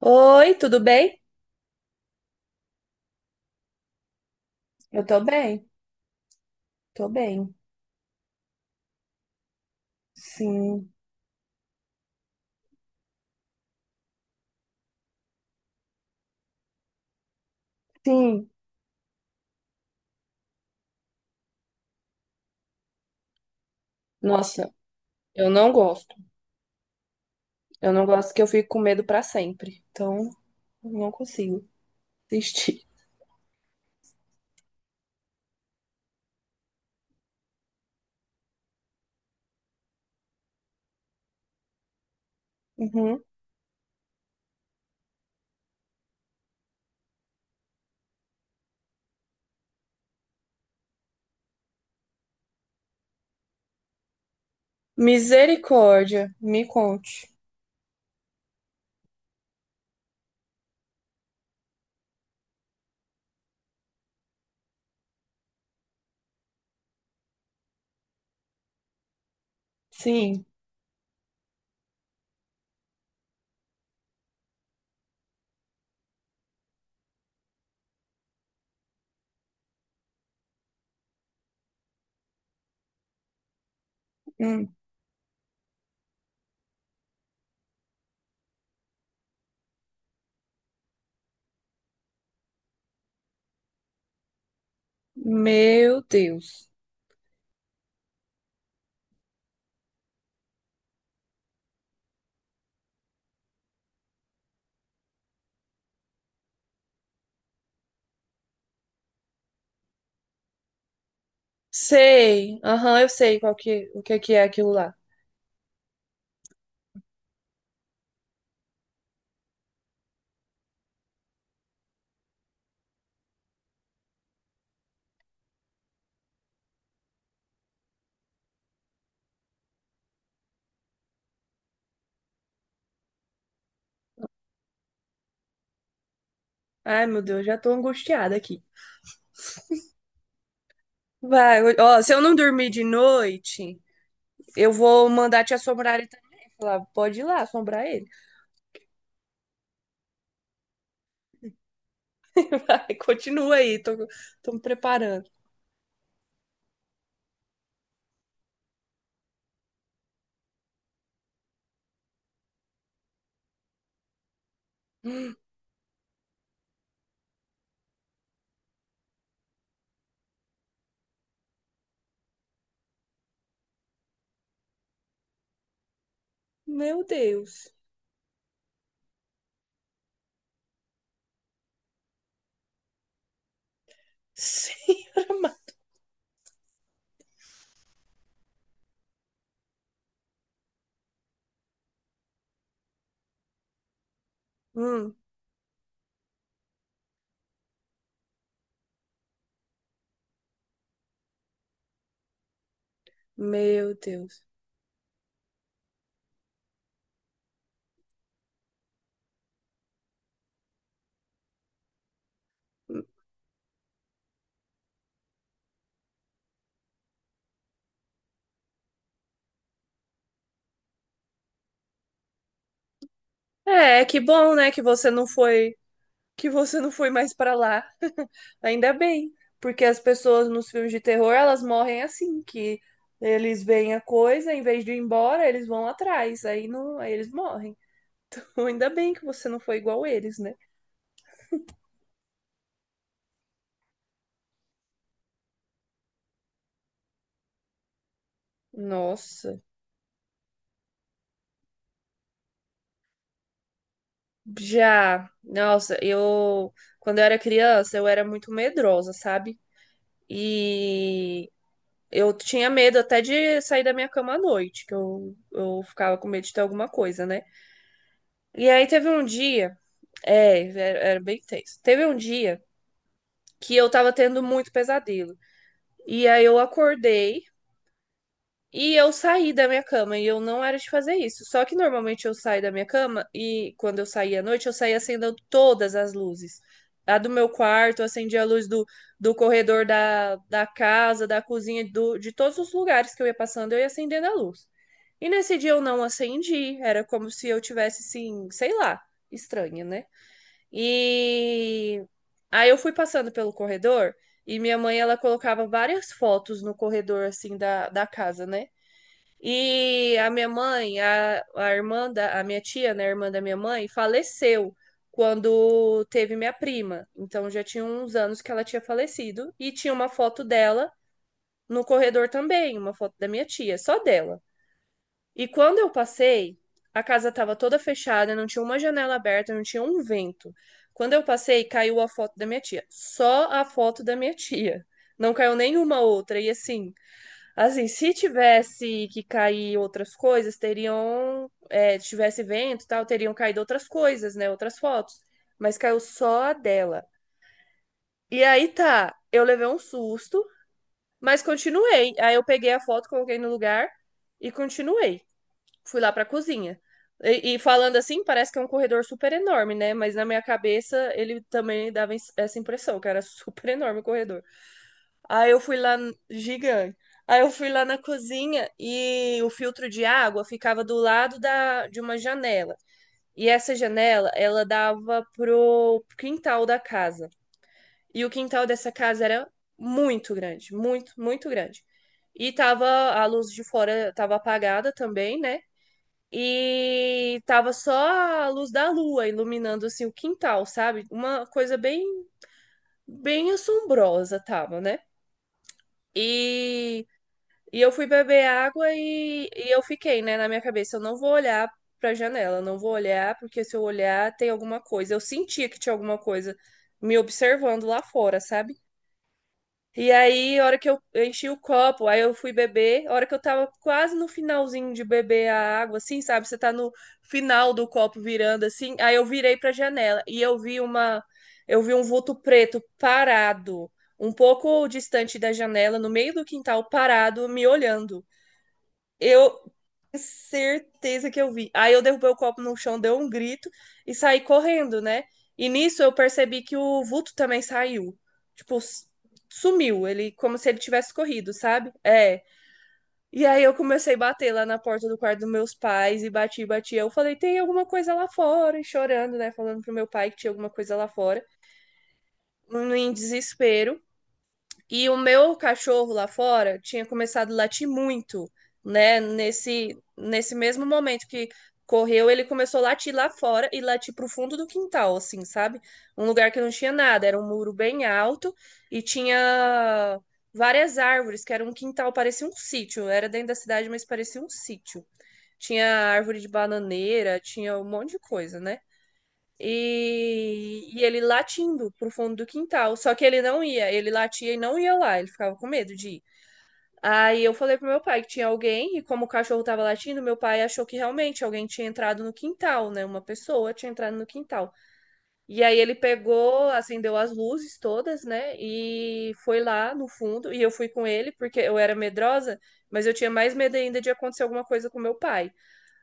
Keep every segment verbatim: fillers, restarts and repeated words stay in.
Oi, tudo bem? Eu tô bem, tô bem. Sim. Sim, nossa, eu não gosto. Eu não gosto que eu fico com medo pra sempre. Então, eu não consigo assistir. Uhum. Misericórdia, me conte. Sim. Hum. Meu Deus. Sei, aham, eu sei qual que, o que que é aquilo lá. Ai, meu Deus, já tô angustiada aqui. Vai, ó, se eu não dormir de noite, eu vou mandar te assombrar ele também. Falar, pode ir lá assombrar ele. Ai, Continua aí, tô, tô me preparando. Meu Deus. Senhora amada. Hum, meu Deus. É, é que bom, né, que você não foi, que você não foi mais pra lá. Ainda bem, porque as pessoas nos filmes de terror, elas morrem assim, que eles veem a coisa, em vez de ir embora, eles vão atrás, aí não, aí eles morrem. Ainda bem que você não foi igual eles, né? Nossa. Já, nossa, eu quando eu era criança eu era muito medrosa, sabe? E eu tinha medo até de sair da minha cama à noite, que eu, eu ficava com medo de ter alguma coisa, né? E aí teve um dia, é, era, era bem tenso. Teve um dia que eu tava tendo muito pesadelo. E aí eu acordei. E eu saí da minha cama e eu não era de fazer isso. Só que normalmente eu saio da minha cama e quando eu saía à noite, eu saía acendendo todas as luzes. A do meu quarto, eu acendia a luz do, do corredor da, da casa, da cozinha, do, de todos os lugares que eu ia passando, eu ia acendendo a luz. E nesse dia eu não acendi, era como se eu tivesse, assim, sei lá, estranha, né? E aí eu fui passando pelo corredor e minha mãe, ela colocava várias fotos no corredor, assim, da, da casa, né? E a minha mãe, a, a irmã da, a minha tia, né, a irmã da minha mãe, faleceu quando teve minha prima. Então já tinha uns anos que ela tinha falecido e tinha uma foto dela no corredor também, uma foto da minha tia, só dela. E quando eu passei, a casa estava toda fechada, não tinha uma janela aberta, não tinha um vento. Quando eu passei, caiu a foto da minha tia, só a foto da minha tia. Não caiu nenhuma outra. E assim, assim, se tivesse que cair outras coisas, teriam, é, tivesse vento e tal, teriam caído outras coisas, né? Outras fotos. Mas caiu só a dela. E aí tá, eu levei um susto, mas continuei. Aí eu peguei a foto, coloquei no lugar e continuei. Fui lá pra cozinha. E, e falando assim, parece que é um corredor super enorme, né? Mas na minha cabeça ele também dava essa impressão, que era super enorme o corredor. Aí eu fui lá, n- gigante. Aí eu fui lá na cozinha e o filtro de água ficava do lado da, de uma janela. E essa janela, ela dava pro quintal da casa. E o quintal dessa casa era muito grande, muito, muito grande. E tava a luz de fora tava apagada também, né? E tava só a luz da lua iluminando assim o quintal, sabe? Uma coisa bem bem assombrosa tava, né? E. E eu fui beber água e, e eu fiquei, né, na minha cabeça, eu não vou olhar pra janela, eu não vou olhar, porque se eu olhar tem alguma coisa. Eu sentia que tinha alguma coisa me observando lá fora, sabe? E aí, a hora que eu eu enchi o copo, aí eu fui beber, a hora que eu tava quase no finalzinho de beber a água, assim, sabe? Você tá no final do copo virando assim, aí eu virei pra janela e eu vi uma, eu vi um vulto preto parado, um pouco distante da janela, no meio do quintal, parado, me olhando. Eu certeza que eu vi. Aí eu derrubei o copo no chão, deu um grito e saí correndo, né? E nisso eu percebi que o vulto também saiu. Tipo, s- Sumiu, ele como se ele tivesse corrido, sabe? É. E aí eu comecei a bater lá na porta do quarto dos meus pais e bati, bati. Eu falei, tem alguma coisa lá fora, e chorando, né? Falando pro meu pai que tinha alguma coisa lá fora. Em desespero. E o meu cachorro lá fora tinha começado a latir muito, né? Nesse, nesse mesmo momento que correu, ele começou a latir lá fora e latir pro fundo do quintal, assim, sabe? Um lugar que não tinha nada, era um muro bem alto e tinha várias árvores, que era um quintal, parecia um sítio. Era dentro da cidade, mas parecia um sítio. Tinha árvore de bananeira, tinha um monte de coisa, né? E, e ele latindo pro fundo do quintal. Só que ele não ia, ele latia e não ia lá, ele ficava com medo de ir. Aí eu falei pro meu pai que tinha alguém, e como o cachorro tava latindo, meu pai achou que realmente alguém tinha entrado no quintal, né? Uma pessoa tinha entrado no quintal. E aí ele pegou, acendeu as luzes todas, né? E foi lá no fundo, e eu fui com ele, porque eu era medrosa, mas eu tinha mais medo ainda de acontecer alguma coisa com meu pai.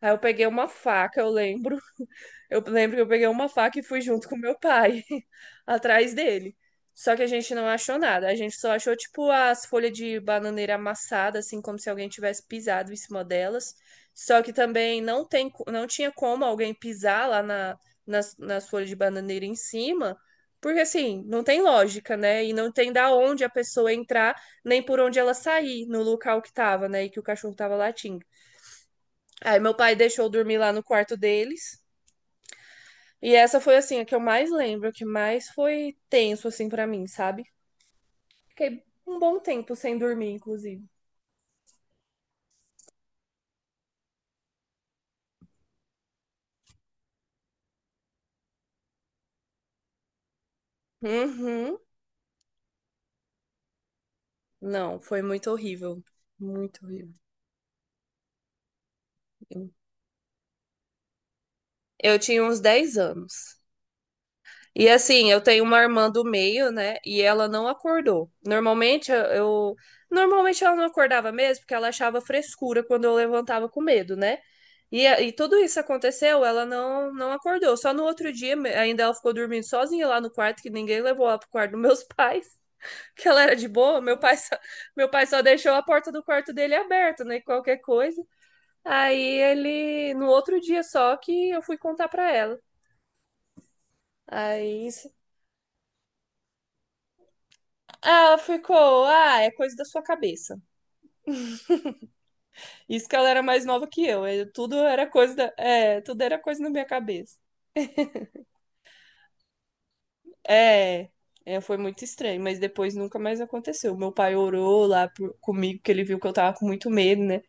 Aí eu peguei uma faca, eu lembro. Eu lembro que eu peguei uma faca e fui junto com meu pai, atrás dele. Só que a gente não achou nada. A gente só achou, tipo, as folhas de bananeira amassadas, assim, como se alguém tivesse pisado em cima delas. Só que também não tem, co- não tinha como alguém pisar lá na, nas, nas folhas de bananeira em cima, porque, assim, não tem lógica, né? E não tem da onde a pessoa entrar, nem por onde ela sair no local que tava, né? E que o cachorro tava latindo. Aí meu pai deixou eu dormir lá no quarto deles. E essa foi assim a que eu mais lembro, a que mais foi tenso assim pra mim, sabe? Fiquei um bom tempo sem dormir, inclusive. Uhum. Não, foi muito horrível. Muito horrível. Eu tinha uns dez anos. E assim, eu tenho uma irmã do meio, né? E ela não acordou. Normalmente eu, eu- normalmente ela não acordava mesmo, porque ela achava frescura quando eu levantava com medo, né? E, a- e tudo isso aconteceu, ela não não acordou. Só no outro dia me- ainda ela ficou dormindo sozinha lá no quarto, que ninguém levou ela pro quarto dos meus pais, que ela era de boa. Meu pai só, meu pai só deixou a porta do quarto dele aberta, né? Qualquer coisa. Aí ele no outro dia só que eu fui contar pra ela. Aí, ah, ficou. Ah, é coisa da sua cabeça. Isso que ela era mais nova que eu. Eu- tudo era coisa da, é, tudo era coisa na minha cabeça. É, é, foi muito estranho, mas depois nunca mais aconteceu. Meu pai orou lá por- comigo, porque ele viu que eu tava com muito medo, né?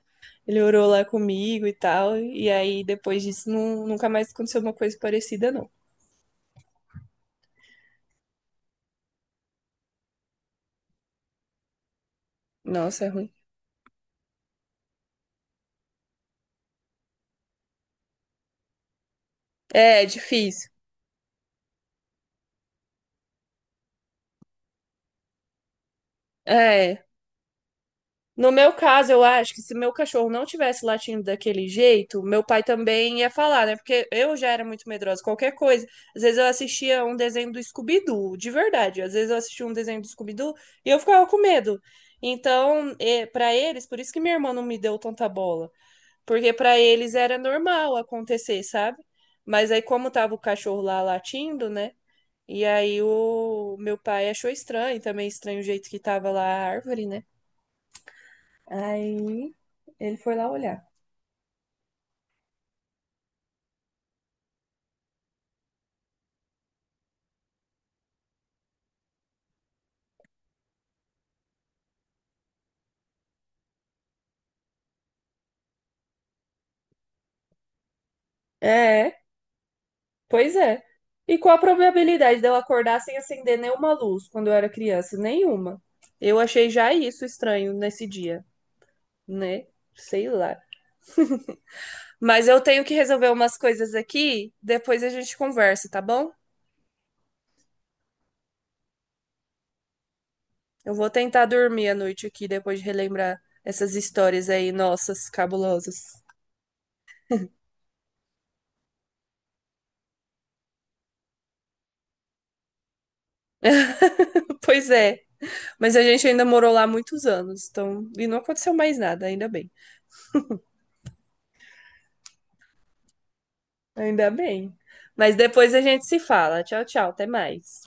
Ele orou lá comigo e tal. E aí, depois disso, nu- nunca mais aconteceu uma coisa parecida, não. Nossa, é ruim. É, é difícil. É. No meu caso, eu acho que se meu cachorro não tivesse latindo daquele jeito, meu pai também ia falar, né? Porque eu já era muito medrosa, qualquer coisa. Às vezes eu assistia um desenho do Scooby-Doo, de verdade. Às vezes eu assistia um desenho do Scooby-Doo e eu ficava com medo. Então, eh, pra eles, por isso que minha irmã não me deu tanta bola, porque pra eles era normal acontecer, sabe? Mas aí como tava o cachorro lá latindo, né? E aí o meu pai achou estranho, também estranho o jeito que tava lá a árvore, né? Aí ele foi lá olhar. É, pois é. E qual a probabilidade dela acordar sem acender nenhuma luz quando eu era criança? Nenhuma. Eu achei já isso estranho nesse dia, né? Sei lá. Mas eu tenho que resolver umas coisas aqui, depois a gente conversa, tá bom? Eu vou tentar dormir à noite aqui depois de relembrar essas histórias aí, nossas, cabulosas. Pois é. Mas a gente ainda morou lá muitos anos, então, e não aconteceu mais nada, ainda bem. Ainda bem. Mas depois a gente se fala. Tchau, tchau. Até mais.